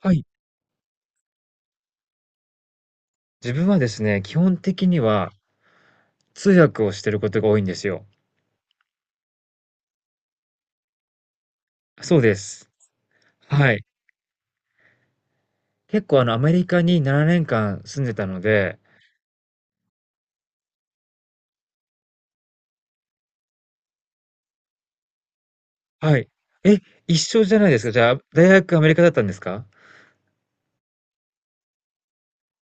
はい。自分はですね、基本的には通訳をしてることが多いんですよ。そうです。はい。結構アメリカに7年間住んでたので、はい。え、一緒じゃないですか？じゃあ、大学アメリカだったんですか？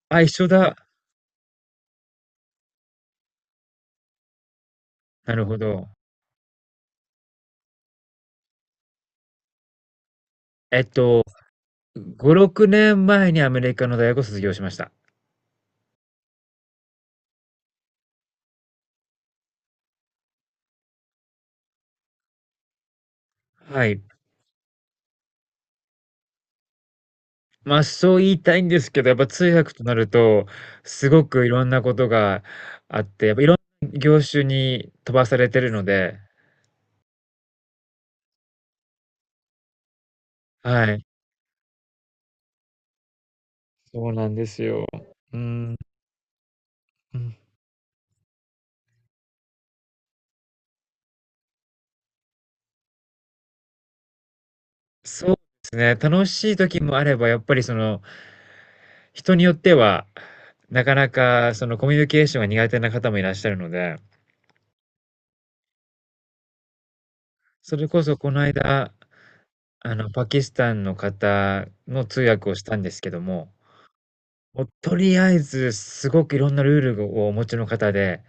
あ、一緒だ。なるほど。えっと、5、6年前にアメリカの大学を卒業しました。はい。まあ、そう言いたいんですけど、やっぱ通訳となると、すごくいろんなことがあって、やっぱいろんな業種に飛ばされてるので、はい。そうなんですよ。うーん、うん。そうですね、楽しい時もあれば、やっぱりその、人によっては、なかなかそのコミュニケーションが苦手な方もいらっしゃるので、それこそこの間、パキスタンの方の通訳をしたんですけども、もうとりあえずすごくいろんなルールをお持ちの方で、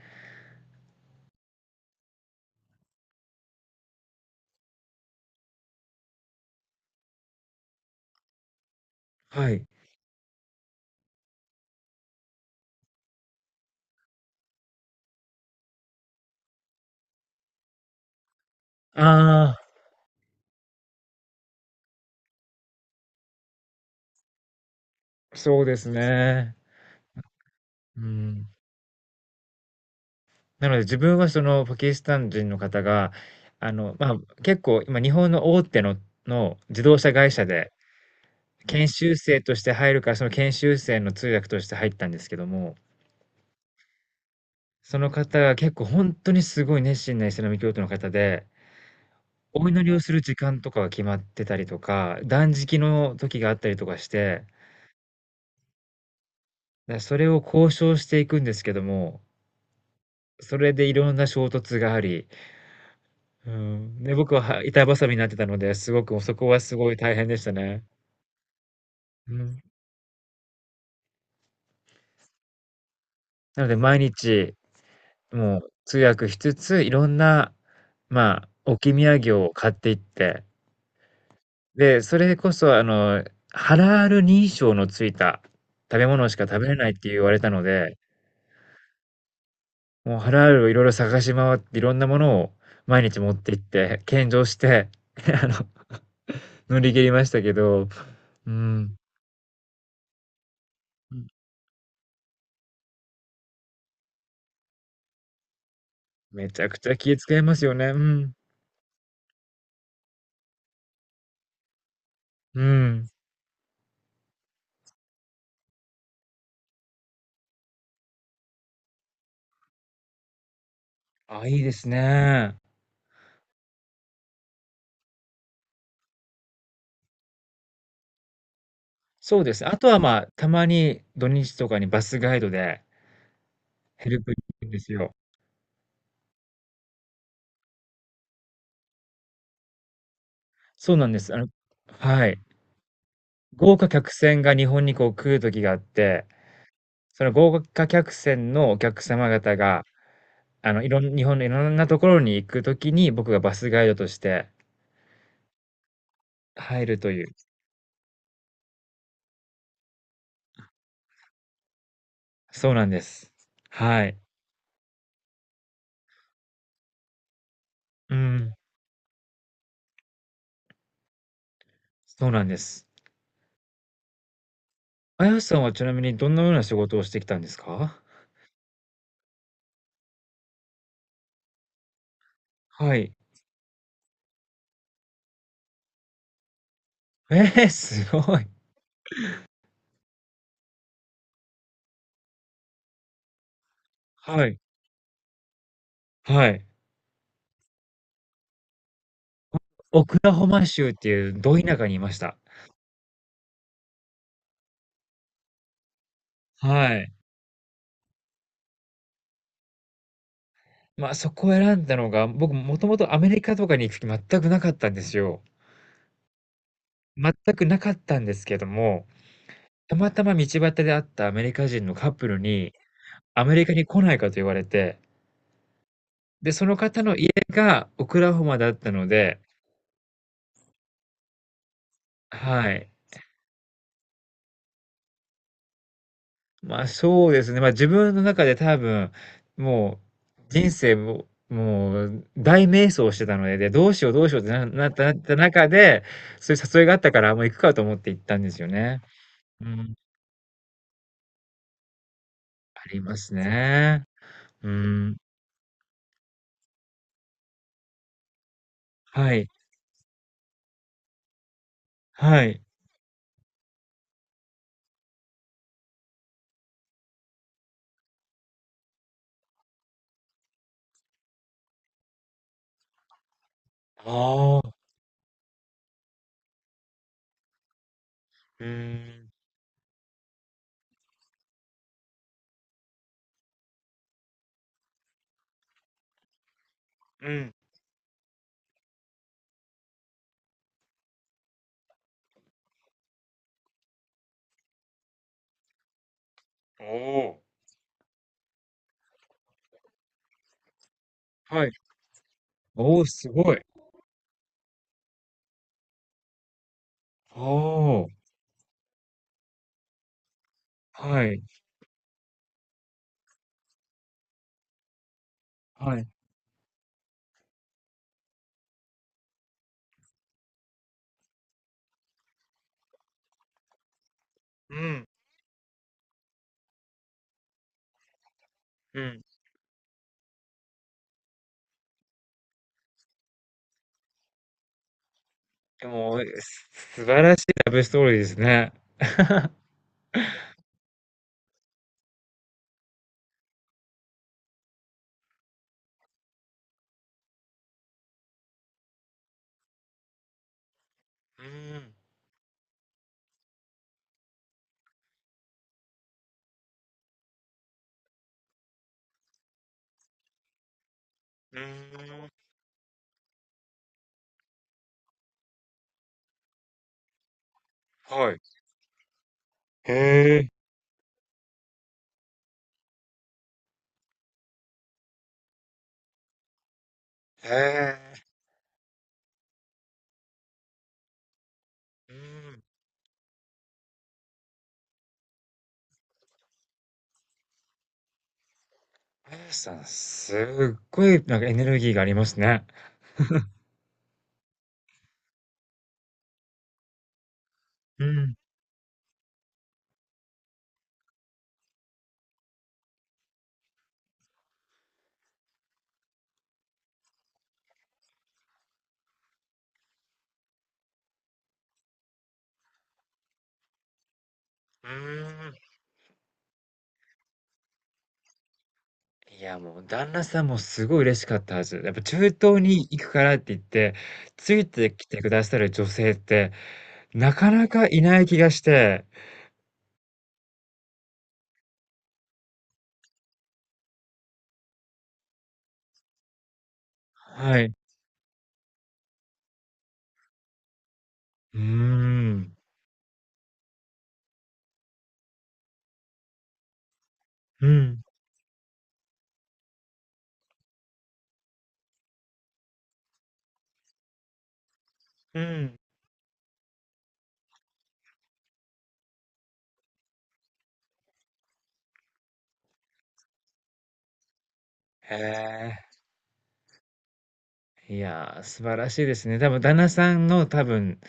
はい。ああ、そうですね。うん。なので自分はそのパキスタン人の方が、結構今日本の大手の、自動車会社で研修生として入るから、その研修生の通訳として入ったんですけども、その方が結構ほんとにすごい熱心なイスラム教徒の方で、お祈りをする時間とかが決まってたりとか、断食の時があったりとかして、それを交渉していくんですけども、それでいろんな衝突があり、うん。で、僕は板挟みになってたので、すごく、そこはすごい大変でしたね。うん。なので毎日、もう通訳しつつ、いろんな、まあ、置き土産を買っていって、で、それこそハラール認証のついた食べ物しか食べれないって言われたので、もうハラールをいろいろ探し回って、いろんなものを毎日持って行って、献上して、あの、乗り切りましたけど、うん。うん。めちゃくちゃ気遣いますよね。うん。うん。あ、いいですね。そうですね、あとは、まあ、たまに土日とかにバスガイドでヘルプに行くんですよ。そうなんです。はい。豪華客船が日本にこう来る時があって、その豪華客船のお客様方が、あの、いろん日本のいろんなところに行く時に、僕がバスガイドとして入るという。そうなんです。はい。うん、そうなんです。あやさんはちなみにどんなような仕事をしてきたんですか？はい。ええ、すごい。はい。はい。オクラホマ州っていうど田舎にいました。はい。まあ、そこを選んだのが、僕もともとアメリカとかに行く気全くなかったんですよ。全くなかったんですけども、たまたま道端で会ったアメリカ人のカップルに、アメリカに来ないかと言われて、で、その方の家がオクラホマだったので、はい。まあそうですね。まあ自分の中で多分、もう人生も、もう大迷走してたので、で、どうしよう、どうしようってなった中で、そういう誘いがあったから、もう行くかと思って行ったんですよね。うん。ありますね。うん。はい。はい。ああ。うん。うん。おお。はい。おお、すごい。おお。はい。はい。うん。うん。でも、素晴らしいラブストーリーですね。うん。うーん。はい。へえ。へえ。うん。あやさん、すっごい、なんかエネルギーがありますね。うん。うーん。いや、もう、旦那さんもすごい嬉しかったはず。やっぱ、中東に行くからって言って、ついてきてくださる女性って、なかなかいない気がして。はい。うーん。うん。うん。へえ。いやー、素晴らしいですね。多分、旦那さんの多分、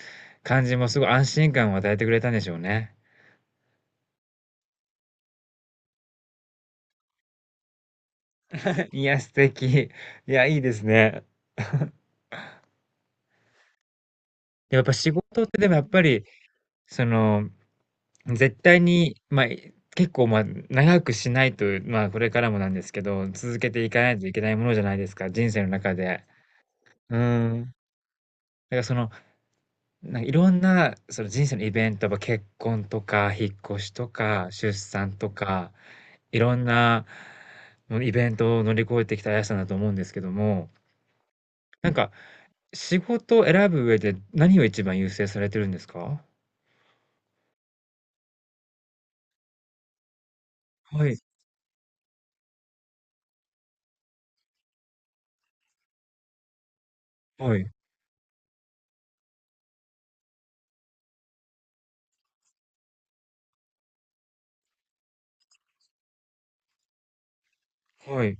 感じもすごい安心感を与えてくれたんでしょうね。いや、素敵。いや、いいですね。やっぱ仕事ってでもやっぱり、その、絶対に、まあ、結構まあ、長くしないと、まあ、これからもなんですけど、続けていかないといけないものじゃないですか、人生の中で。うーん。だからその、なんかいろんな、その人生のイベント、やっぱ結婚とか、引っ越しとか、出産とか、いろんな、もうイベントを乗り越えてきたあやさんだと思うんですけども、なんか、仕事を選ぶ上で何を一番優先されてるんですか？はい、はい、はい。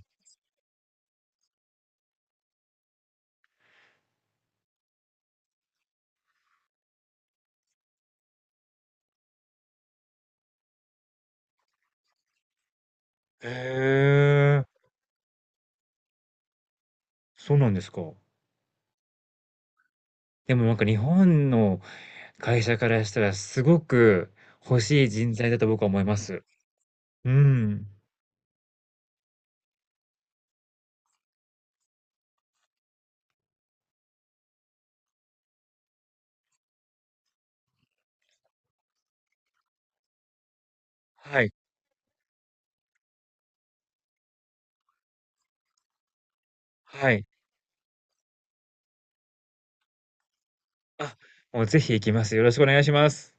へえ、そうなんですか。でもなんか日本の会社からしたらすごく欲しい人材だと僕は思います。うーん。はい、はい。あ、もうぜひ行きます。よろしくお願いします。